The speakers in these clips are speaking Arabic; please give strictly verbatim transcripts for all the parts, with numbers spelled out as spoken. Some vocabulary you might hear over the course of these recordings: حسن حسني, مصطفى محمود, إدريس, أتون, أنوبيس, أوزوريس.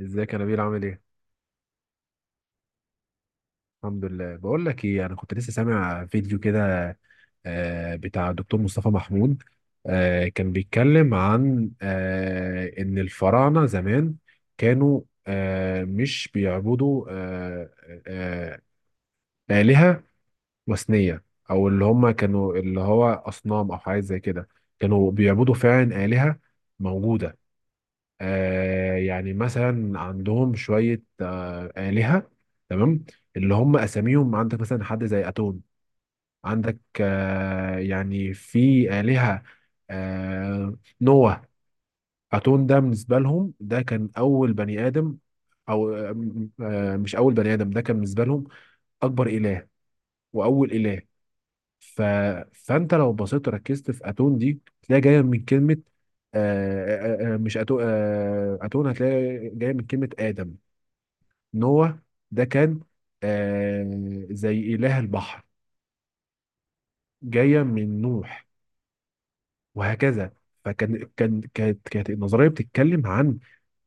ازيك يا نبيل عامل ايه؟ الحمد لله. بقول لك ايه، انا كنت لسه سامع فيديو كده. آه، بتاع الدكتور مصطفى محمود. آه، كان بيتكلم عن آه، ان الفراعنه زمان كانوا، آه، مش بيعبدوا آه، آه، آلهة وثنية، او اللي هم كانوا اللي هو اصنام او حاجات زي كده. كانوا بيعبدوا فعلا آلهة موجودة. آه يعني مثلا عندهم شوية آه آلهة تمام، اللي هم أساميهم. عندك مثلا حد زي أتون، عندك آه يعني في آلهة آه نوح. أتون ده بالنسبة لهم ده كان أول بني آدم، أو آه آه، مش أول بني آدم، ده كان بالنسبة لهم أكبر إله وأول إله. ف... فانت لو بصيت وركزت في اتون دي تلاقي جايه من كلمه، آه آه آه مش اتون، آه اتون هتلاقي جايه من كلمه ادم. نوح ده كان آه زي اله البحر جايه من نوح، وهكذا. فكان كان كانت كانت النظريه بتتكلم عن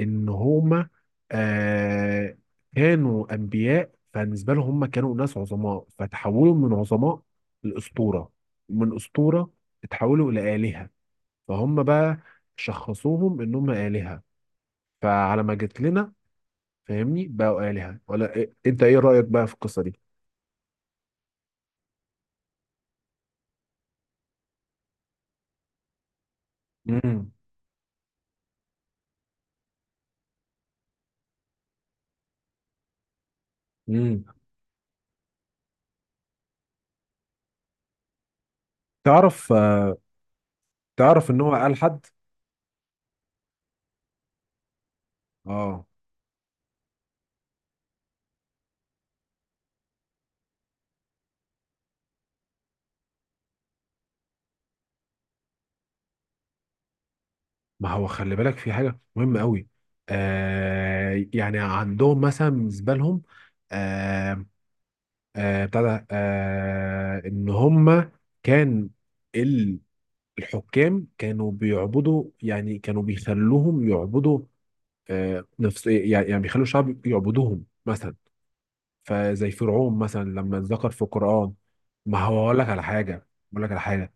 ان هما آه كانوا انبياء. فبالنسبه لهم هم كانوا ناس عظماء، فتحولوا من عظماء لاسطوره، من اسطوره اتحولوا الى الهه. فهم بقى شخصوهم ان هم آلهة، فعلى ما جت لنا، فاهمني، بقوا آلهة ولا إيه؟ انت ايه رأيك بقى في القصة دي؟ امم. امم. تعرف آه، تعرف ان هو قال حد. اه. ما هو خلي بالك في حاجة مهمة قوي. آه يعني عندهم مثلا بالنسبة لهم، آه آه بتاع ده، آه ان هم كان ال- الحكام كانوا بيعبدوا، يعني كانوا بيخلوهم يعبدوا آه، نفس، يعني يعني بيخلوا الشعب يعبدوهم مثلا، فزي فرعون مثلا لما اتذكر في القرآن. ما هو هقول لك على حاجة، بقول لك على حاجة.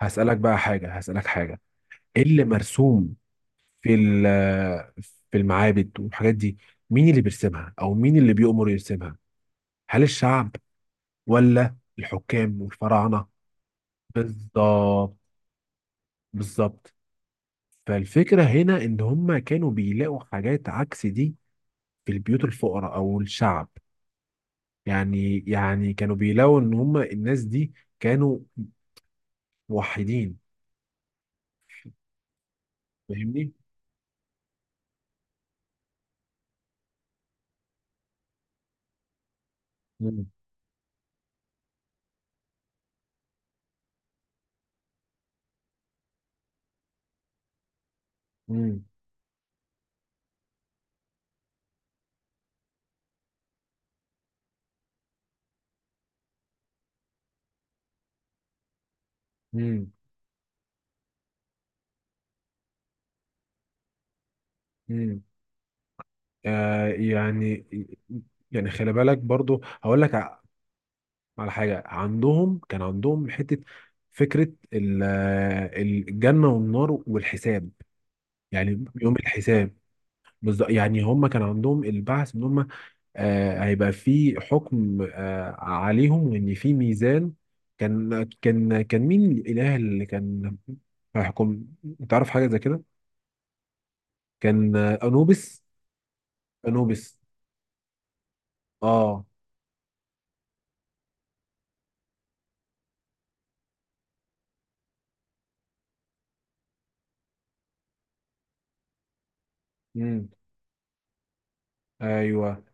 هسألك بقى حاجة هسألك حاجة. ايه اللي مرسوم في ال- في المعابد والحاجات دي؟ مين اللي بيرسمها او مين اللي بيؤمر يرسمها؟ هل الشعب ولا الحكام والفراعنة؟ بالظبط، بالظبط. فالفكرة هنا ان هم كانوا بيلاقوا حاجات عكس دي في البيوت الفقراء او الشعب. يعني يعني كانوا بيلاقوا ان هم الناس دي كانوا موحدين. فاهمني. مم. مم. مم. مم. آه يعني، يعني خلي بالك برضو. هقول لك ع- على حاجة عندهم، كان عندهم حتة فكرة ال- آه، الجنة والنار والحساب، يعني يوم الحساب. بالظبط، يعني هم كان عندهم البعث ان هم آه، هيبقى في حكم آه، عليهم، وان في ميزان. كان كان كان مين الاله اللي كان هيحكم؟ تعرف حاجه زي كده. كان آه، انوبis، انوبis. اه. امم. ايوه.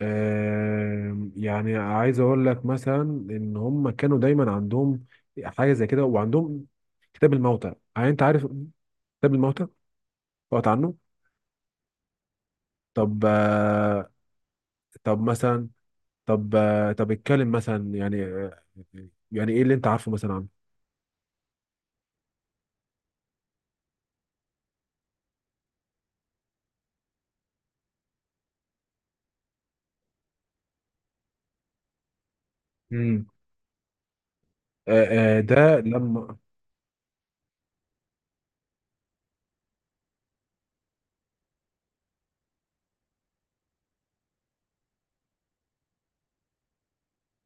آه يعني عايز اقول لك مثلا ان هم كانوا دايما عندهم حاجه زي كده، وعندهم كتاب الموتى. يعني انت عارف كتاب الموتى؟ قرأت عنه؟ طب آه، طب مثلا طب آه، طب اتكلم مثلا، يعني آه، يعني ايه اللي انت عارفه مثلا عنه؟ امم. آه، آه، ده لما.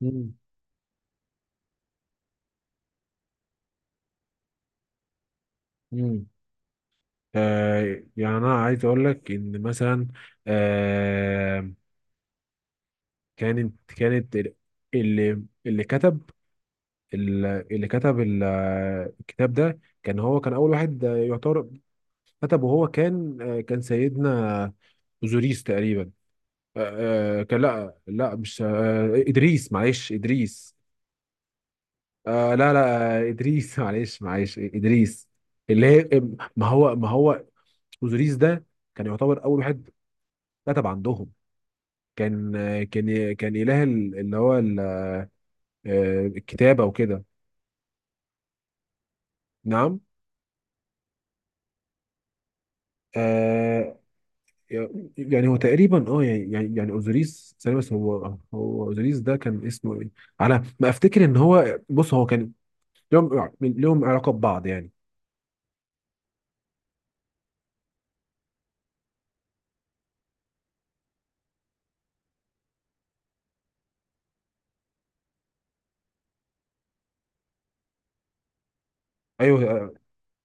امم. امم. آه، يعني انا عايز اقول لك ان مثلا، آه، كانت كانت ال- اللي اللي كتب ال- اللي كتب ال- آه، الكتاب ده، كان هو كان اول واحد آه، يعتبر كتب. وهو كان آه، كان سيدنا اوزوريس تقريبا. آه، آه، كان، لا لا، مش آه، ادريس، معلش ادريس. آه لا لا ادريس معلش معلش ادريس. اللي هي ما هو ما هو اوزوريس ده كان يعتبر اول واحد كتب عندهم. كان كان كان اله ال- اللي هو ال- آه، الكتابه وكده. نعم. آه يعني هو تقريبا اه، يعني يعني يعني اوزوريس ثانية، بس هو هو اوزوريس ده كان اسمه ايه؟ على ما افتكر ان هو، بص، هو كان لهم، يعني لهم علاقه ببعض يعني. ايوه آه،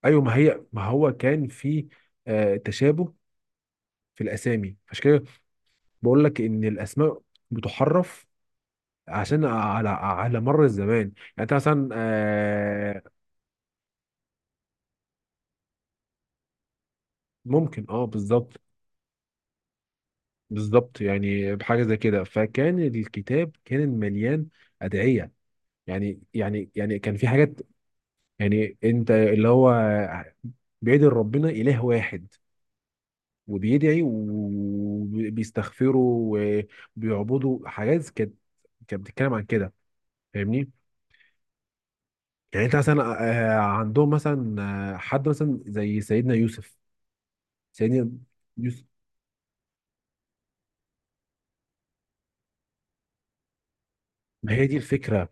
ايوه. ما هي، ما هو كان في آه، تشابه في الاسامي، فعشان كده بقول لك ان الاسماء بتحرف عشان على على مر الزمان يعني. انت مثلا آه، ممكن، اه. بالظبط، بالظبط. يعني بحاجه زي كده. فكان الكتاب كان مليان ادعيه. يعني يعني يعني كان في حاجات. يعني انت اللي هو بيدعي ربنا اله واحد، وبيدعي وبيستغفره وبيعبده. حاجات كانت كانت بتتكلم عن كده. فاهمني. يعني انت مثلا آه، عندهم مثلا آه، حد مثلا زي سيدنا يوسف. سيدنا يوسف ما هي دي الفكره.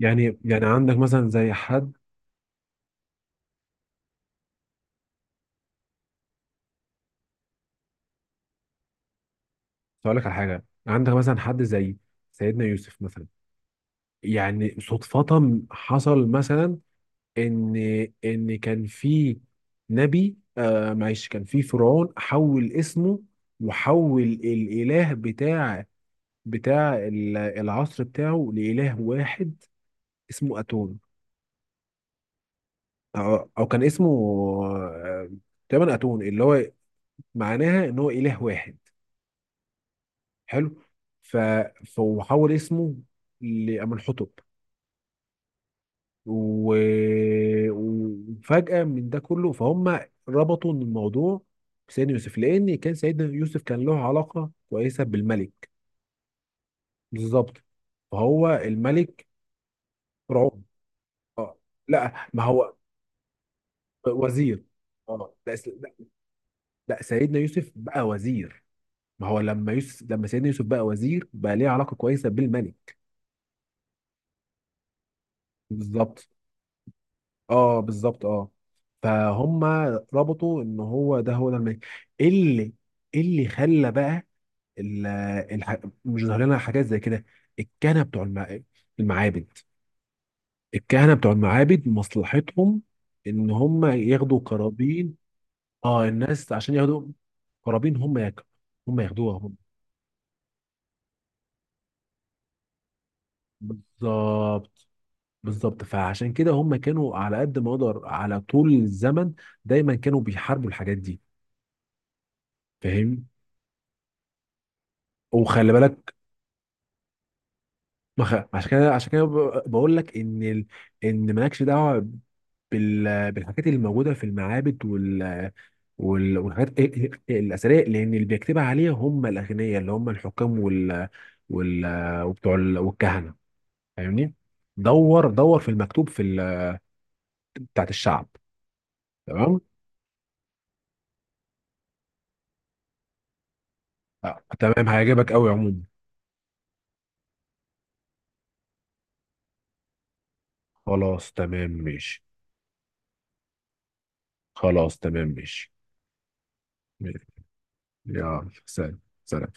يعني يعني عندك مثلا زي حد. اقول لك على حاجه. عندك مثلا حد زي سيدنا يوسف مثلا. يعني صدفه حصل مثلا ان ان كان في نبي، آه معلش، كان في فرعون حول اسمه وحول الاله بتاع بتاع ال- العصر بتاعه لاله واحد اسمه اتون. أو, أو كان اسمه آه، تقريبا أتون، اللي هو معناها إن هو إله واحد. حلو. ف... فحول اسمه لأمنحتب، و... وفجأة من ده كله فهم ربطوا إن الموضوع بسيدنا يوسف، لأن كان سيدنا يوسف كان له علاقة كويسة بالملك. بالظبط، فهو الملك. فرعون. اه. لا، ما هو وزير. اه، لا، س- لا. لا، سيدنا يوسف بقى وزير. ما هو لما يوسف لما سيدنا يوسف بقى وزير بقى ليه علاقه كويسه بالملك. بالظبط، اه، بالظبط، اه. فهم ربطوا ان هو ده هو ده الملك، اللي اللي خلى بقى ال- الح... مش ظاهر لنا حاجات زي كده. الكهنه بتوع الم... المعابد. الكهنه بتوع المعابد مصلحتهم ان هم ياخدوا قرابين. اه، الناس عشان ياخدوا قرابين، هم ياك... هم ياخدوها هم. بالظبط، بالظبط. فعشان كده هم كانوا على قد ما يقدر، على طول الزمن دايما كانوا بيحاربوا الحاجات دي. فاهم. وخلي بالك، ما خ- عشان كده عشان كده ب- بقول لك ان ال... ان مالكش دعوه بال... بالحاجات اللي موجوده في المعابد، وال... وال... والحاجات ال- ال- الاثريه، لان اللي بيكتبها عليها هم الاغنياء اللي هم الحكام، وال... وال... وبتوع ال... والكهنه. فاهمني. دور دور في المكتوب في ال... بتاعت الشعب. تمام. آه، تمام، هيعجبك قوي عموما. خلاص، تمام، ماشي. خلاص، تمام، ماشي. يلا سلام. سلام.